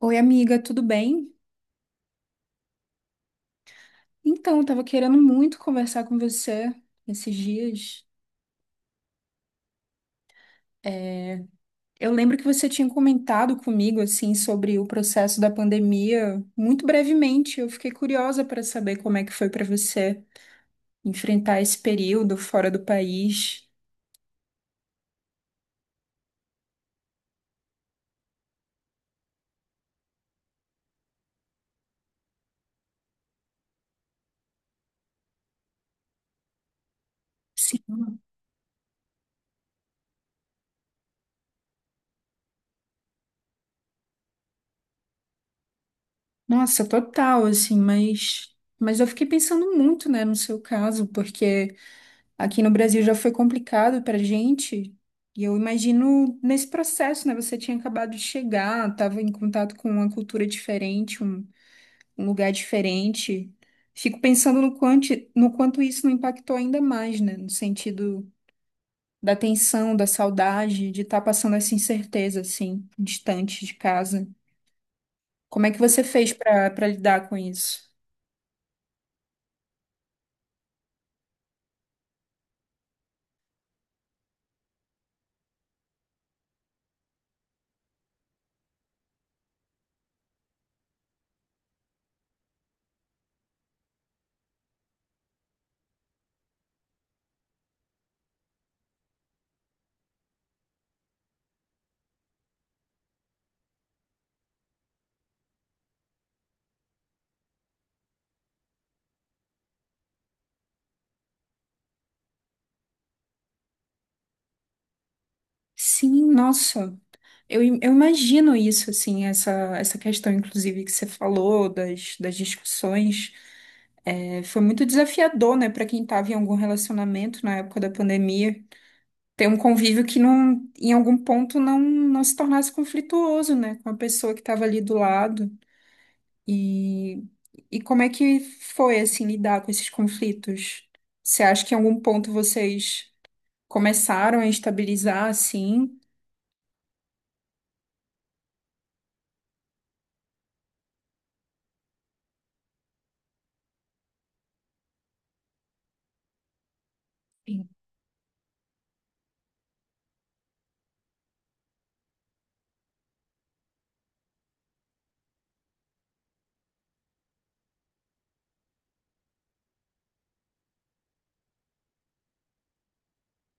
Oi, amiga, tudo bem? Então, eu tava querendo muito conversar com você esses dias. É, Eu lembro que você tinha comentado comigo, assim, sobre o processo da pandemia, muito brevemente. Eu fiquei curiosa para saber como é que foi para você enfrentar esse período fora do país. Sim. Nossa, total, assim, mas... Mas eu fiquei pensando muito, né, no seu caso, porque... Aqui no Brasil já foi complicado para gente, e eu imagino nesse processo, né? Você tinha acabado de chegar, estava em contato com uma cultura diferente, um lugar diferente. Fico pensando no quanto, no quanto isso não impactou ainda mais, né? No sentido da tensão, da saudade, de estar passando essa incerteza, assim, distante de casa. Como é que você fez para lidar com isso? Sim, nossa. Eu imagino isso, assim, essa questão, inclusive, que você falou das discussões. É, foi muito desafiador, né, para quem estava em algum relacionamento na época da pandemia, ter um convívio que não, em algum ponto não se tornasse conflituoso, né, com a pessoa que estava ali do lado. E, e como é que foi, assim, lidar com esses conflitos? Você acha que em algum ponto vocês começaram a estabilizar, assim? Sim.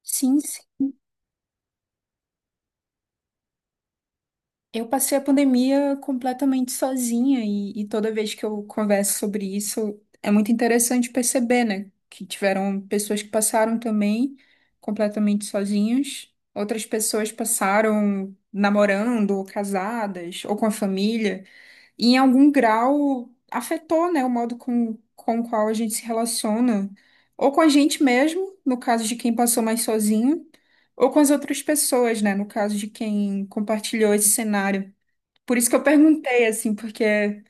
Sim, sim. Eu passei a pandemia completamente sozinha e toda vez que eu converso sobre isso, é muito interessante perceber, né? Que tiveram pessoas que passaram também completamente sozinhas, outras pessoas passaram namorando, ou casadas, ou com a família, e em algum grau afetou, né, o modo com o qual a gente se relaciona, ou com a gente mesmo, no caso de quem passou mais sozinho, ou com as outras pessoas, né, no caso de quem compartilhou esse cenário. Por isso que eu perguntei, assim, porque,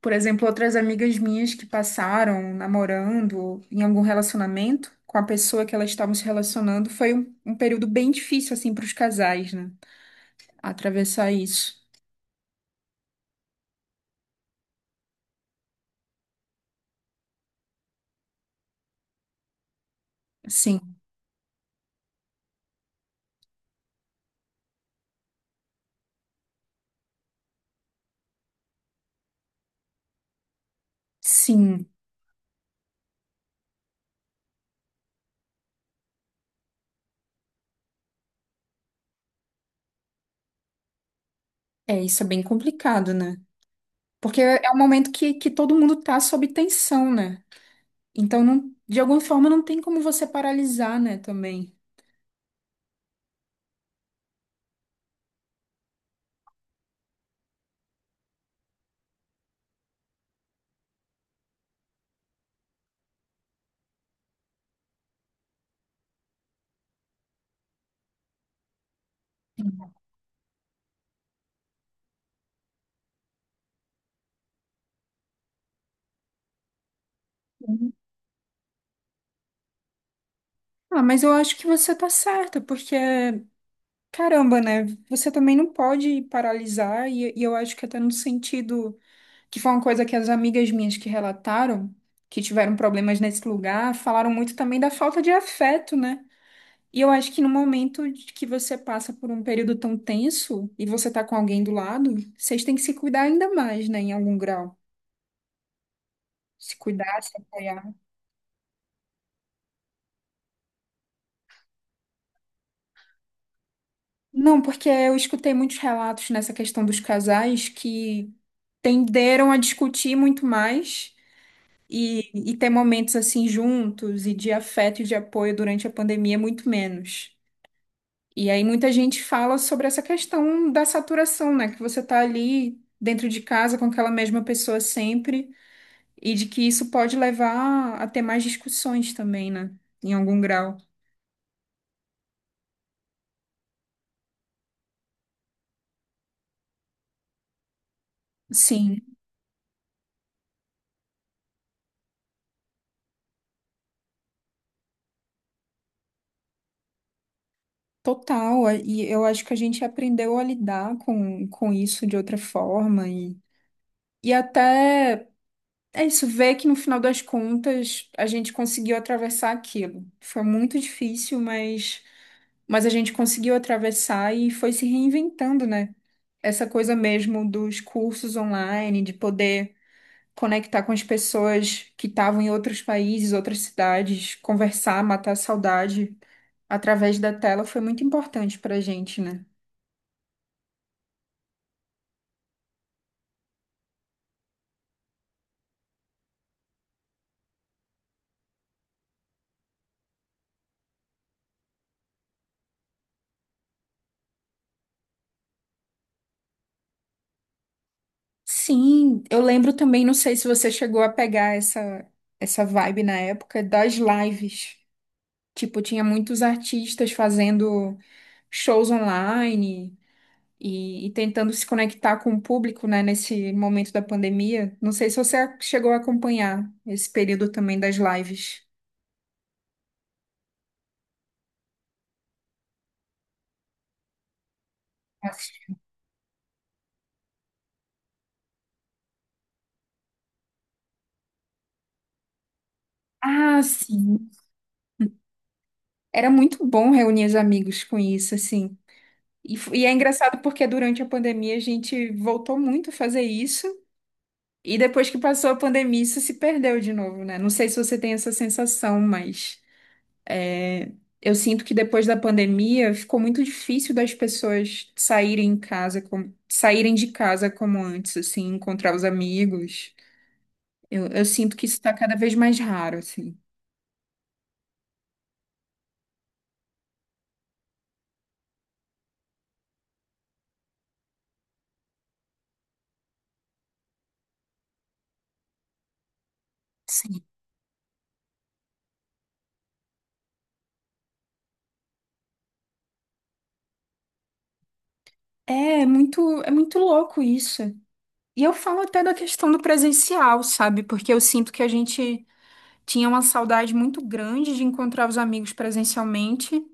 por exemplo, outras amigas minhas que passaram namorando em algum relacionamento com a pessoa que elas estavam se relacionando, foi um período bem difícil, assim, para os casais, né? Atravessar isso. Sim, sim. É, isso é bem complicado, né? Porque é um momento que todo mundo tá sob tensão, né? Então, não, de alguma forma, não tem como você paralisar, né, também. Uhum. Ah, mas eu acho que você tá certa, porque caramba, né? Você também não pode paralisar, e eu acho que até no sentido que foi uma coisa que as amigas minhas que relataram, que tiveram problemas nesse lugar, falaram muito também da falta de afeto, né? E eu acho que no momento de que você passa por um período tão tenso e você tá com alguém do lado, vocês têm que se cuidar ainda mais, né? Em algum grau. Se cuidar, se apoiar. Não, porque eu escutei muitos relatos nessa questão dos casais que tenderam a discutir muito mais. E ter momentos assim juntos e de afeto e de apoio durante a pandemia, é muito menos. E aí muita gente fala sobre essa questão da saturação, né? Que você tá ali dentro de casa com aquela mesma pessoa sempre e de que isso pode levar a ter mais discussões também, né? Em algum grau. Sim, total. E eu acho que a gente aprendeu a lidar com isso de outra forma e até. É isso, ver que no final das contas a gente conseguiu atravessar aquilo. Foi muito difícil, mas a gente conseguiu atravessar e foi se reinventando, né? Essa coisa mesmo dos cursos online, de poder conectar com as pessoas que estavam em outros países, outras cidades, conversar, matar a saudade através da tela foi muito importante pra gente, né? Sim, eu lembro também, não sei se você chegou a pegar essa vibe na época das lives. Tipo, tinha muitos artistas fazendo shows online e tentando se conectar com o público, né, nesse momento da pandemia. Não sei se você chegou a acompanhar esse período também das lives. Ah, sim. Era muito bom reunir os amigos com isso, assim. E é engraçado porque durante a pandemia a gente voltou muito a fazer isso. E depois que passou a pandemia, isso se perdeu de novo, né? Não sei se você tem essa sensação, mas eu sinto que depois da pandemia ficou muito difícil das pessoas saírem em casa, como, saírem de casa como antes, assim, encontrar os amigos. Eu sinto que isso está cada vez mais raro, assim. Sim. É muito louco isso. E eu falo até da questão do presencial, sabe? Porque eu sinto que a gente tinha uma saudade muito grande de encontrar os amigos presencialmente.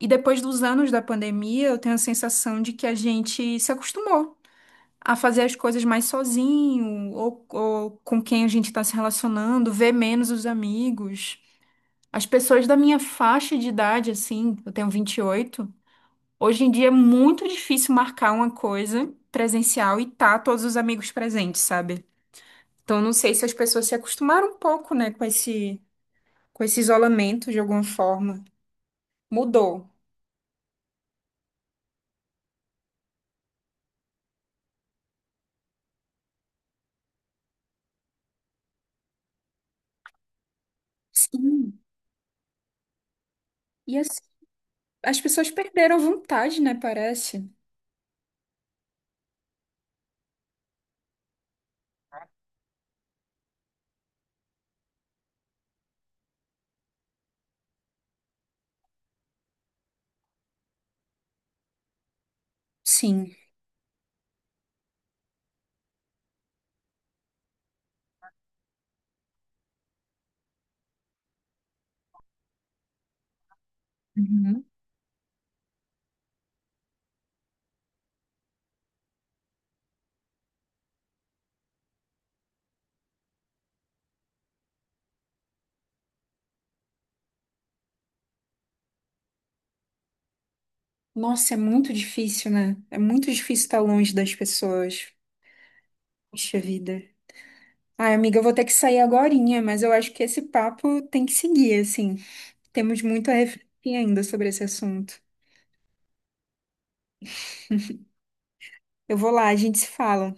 E depois dos anos da pandemia, eu tenho a sensação de que a gente se acostumou a fazer as coisas mais sozinho, ou com quem a gente está se relacionando, ver menos os amigos. As pessoas da minha faixa de idade, assim, eu tenho 28, hoje em dia é muito difícil marcar uma coisa presencial e tá todos os amigos presentes, sabe? Então, eu não sei se as pessoas se acostumaram um pouco, né, com com esse isolamento de alguma forma. Mudou. Sim. E as pessoas perderam a vontade, né, parece. Sim. Nossa, é muito difícil, né? É muito difícil estar longe das pessoas. Puxa vida. Ai, amiga, eu vou ter que sair agorinha, mas eu acho que esse papo tem que seguir, assim. Temos muito a refletir ainda sobre esse assunto. Eu vou lá, a gente se fala.